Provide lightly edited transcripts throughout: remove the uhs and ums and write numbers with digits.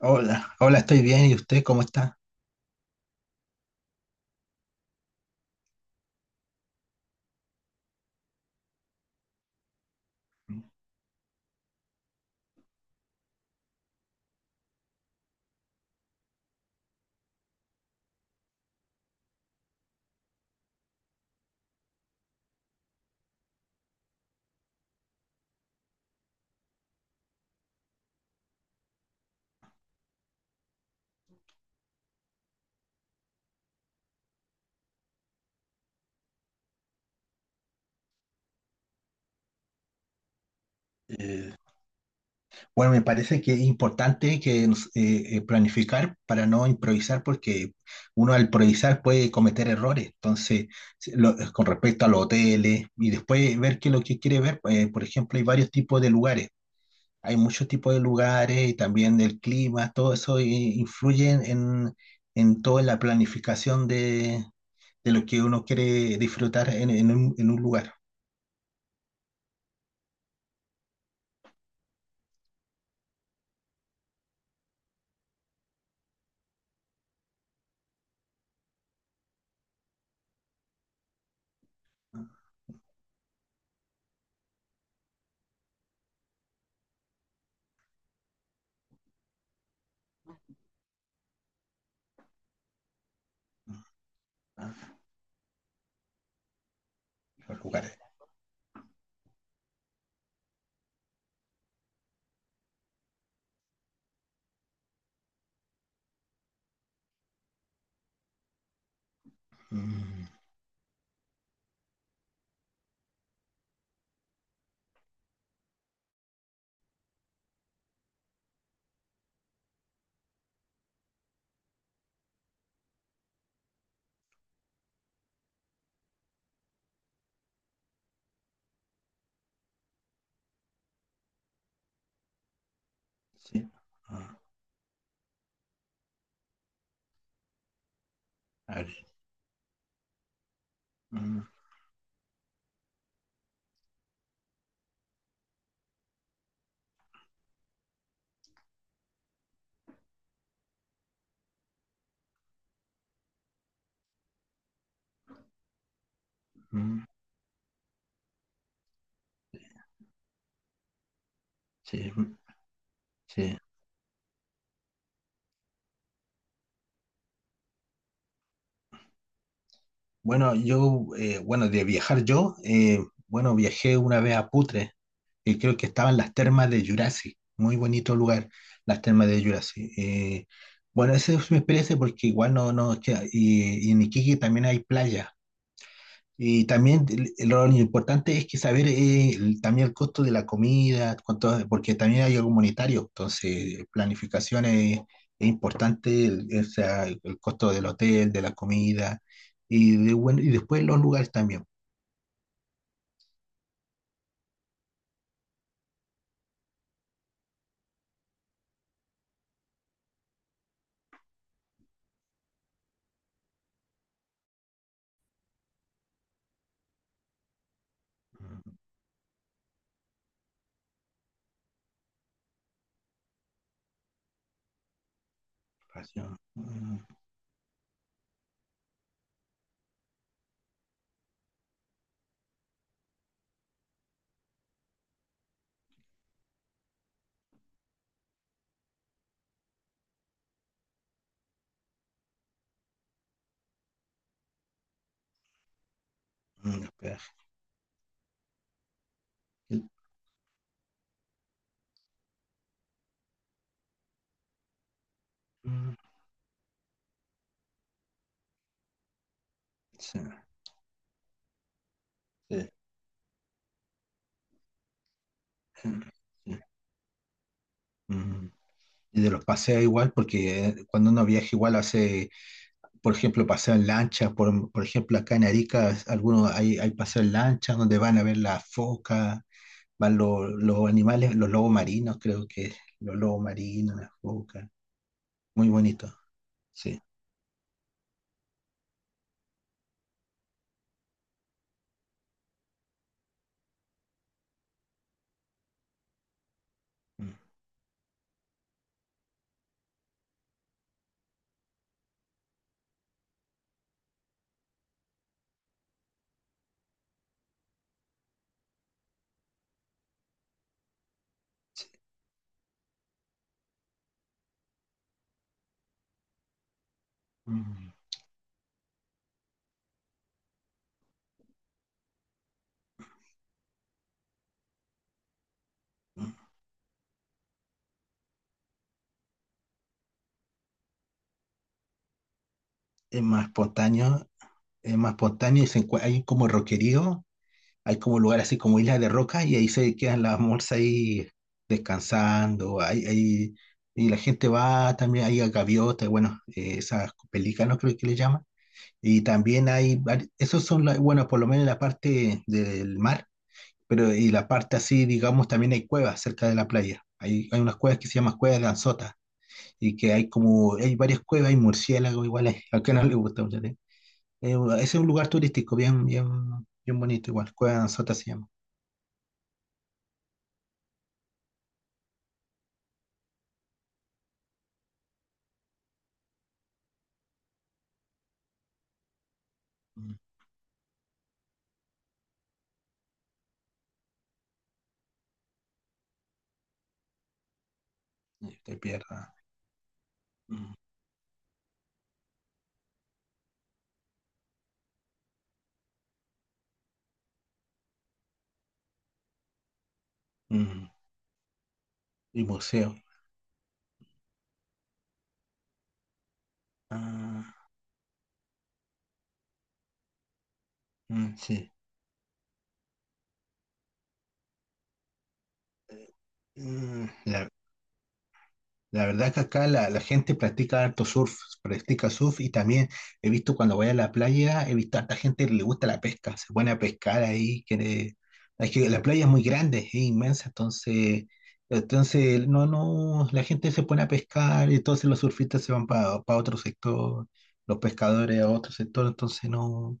Hola, hola, estoy bien. ¿Y usted cómo está? Eh, bueno, me parece que es importante que planificar para no improvisar, porque uno al improvisar puede cometer errores. Entonces, con respecto a los hoteles y después ver qué es lo que quiere ver, por ejemplo, hay varios tipos de lugares. Hay muchos tipos de lugares y también del clima, todo eso influye en toda la planificación de lo que uno quiere disfrutar en un lugar. ¿No? Ah, los lugares. Mm, sí. Ah, a ver. Mm, mm, sí, mm, sí. Bueno, bueno, bueno, viajé una vez a Putre, y creo que estaban las termas de Yurasi, muy bonito lugar, las termas de Yurasi. Bueno, esa es mi experiencia porque igual no, no, queda- y en Iquique también hay playa. Y también lo importante es que saber también el costo de la comida, cuánto, porque también hay algo monetario, entonces es importante, o sea, el costo del hotel, de la comida bueno, y después los lugares también. Mm, pasión, mm, mm, hospedaje. Mm, sí, sí, sí. mm. Y de los paseos igual, porque cuando uno viaja igual hace, por ejemplo, paseo en lancha, por ejemplo, acá en Arica, algunos hay, hay paseo en lancha donde van a ver las focas, van los animales, los lobos marinos, creo que los lobos marinos, las focas, muy bonito, sí. Mm. mm, mm. Es más espontáneo, es más espontáneo y hay como roquerío, hay como lugar así como islas de roca y ahí se quedan las morsas ahí descansando, y la gente va también, hay gaviotas, bueno, esas pelícanos creo que le llaman. Y también esos son, bueno, por lo menos la parte del mar, pero y la parte así, digamos, también hay cuevas cerca de la playa. Hay unas cuevas que se llaman cuevas de Anzota y que hay como, hay varias cuevas, hay murciélagos igual, hay, al que no le gusta mucho. ¿Sí? Ese es un lugar turístico bien bonito igual, cuevas de Anzota se llama. Mm, y te pierdas. Mm, mm, y museo. Ah, mm, sí. Mm, la- La verdad que acá la gente practica harto surf, practica surf y también he visto cuando voy a la playa, he visto a harta gente que le gusta la pesca, se pone a pescar ahí, es que la playa es muy grande, es inmensa, entonces, entonces no, no, la gente se pone a pescar y entonces los surfistas se van para otro sector, los pescadores a otro sector, entonces no.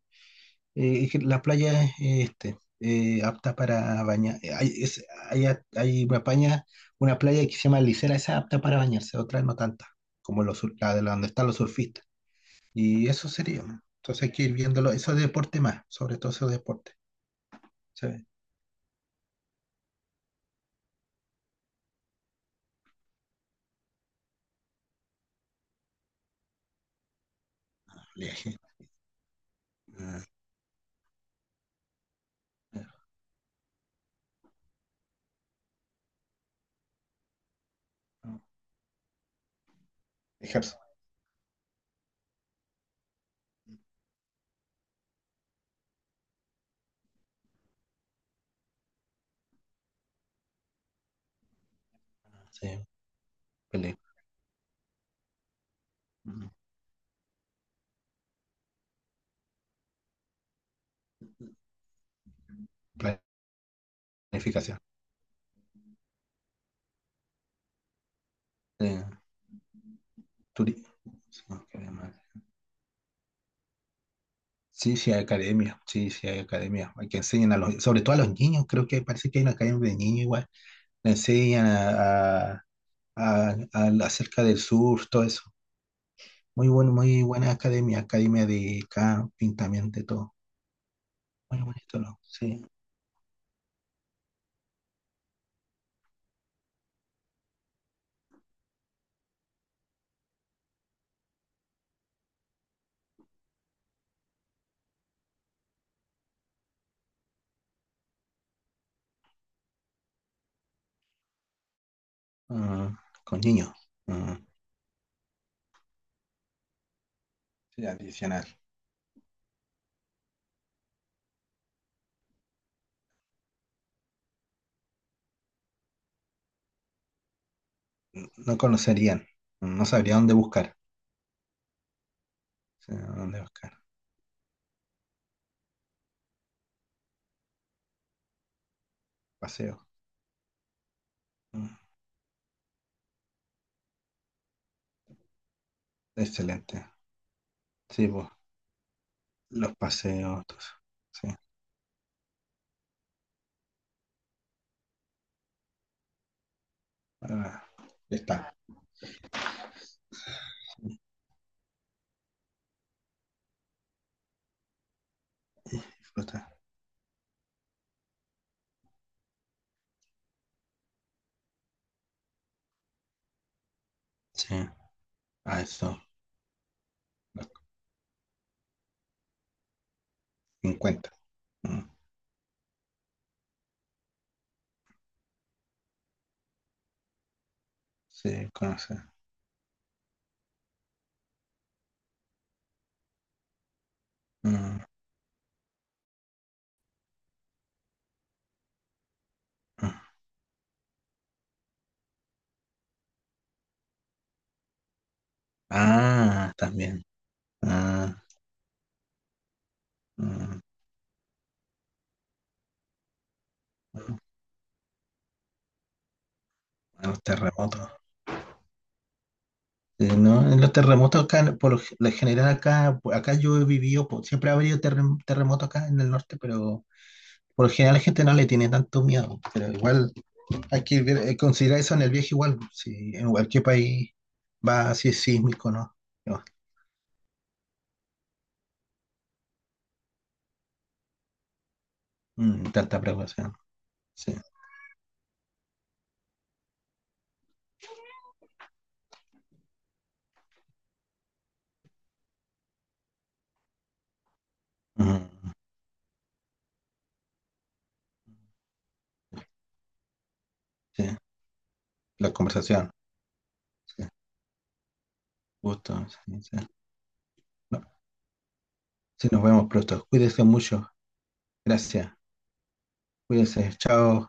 Es que la playa es apta para bañar. Hay, es- hay, a- Hay una playa que se llama Licera, esa es apta para bañarse, otra no tanta, como la de la donde están los surfistas. Y eso sería. ¿No? Entonces hay que ir viéndolo, esos deportes más, sobre todo esos deportes. ¿Sabes? Viaje, ah, ah, ejercicio, sí, pele- mm, planificación, eh, turi- sí, ¿qué más? Sí, sí hay academia, sí, sí hay academia. Hay que enseñan a los, sobre todo a los niños, creo que parece que hay una academia de niños igual. Le enseñan acerca del surf, todo eso. Muy bueno, muy buena academia, academia de camping también, de todo. Muy bonito, ¿no? Sí. Ah, con niños. Ah, sí, adicional. No conocerían, no sabría dónde buscar. Sí, dónde buscar. Paseo. Ah, excelente. Sí, pues, los paseos, todo eso. Sí. Ah, ya está. Disfruta. Sí, a eso, los 50. Mm, Sí, conoce. Mm, mm. Ah, también. Ah. mm, mm. A los terremotos. Sí, no, en los terremotos acá, por lo lo general acá, acá yo he vivido, siempre ha habido terremotos acá en el norte, pero por lo general la gente no le tiene tanto miedo. Pero igual considerar eso en el viaje igual, si en cualquier país va así es sísmico, ¿no? No, mm, tanta precaución. Sí. Mm, sí. La conversación. Sí. Gusto. Sí, sí. No. Sí, nos vemos pronto. Cuídense mucho. Gracias. Cuídense. Chao.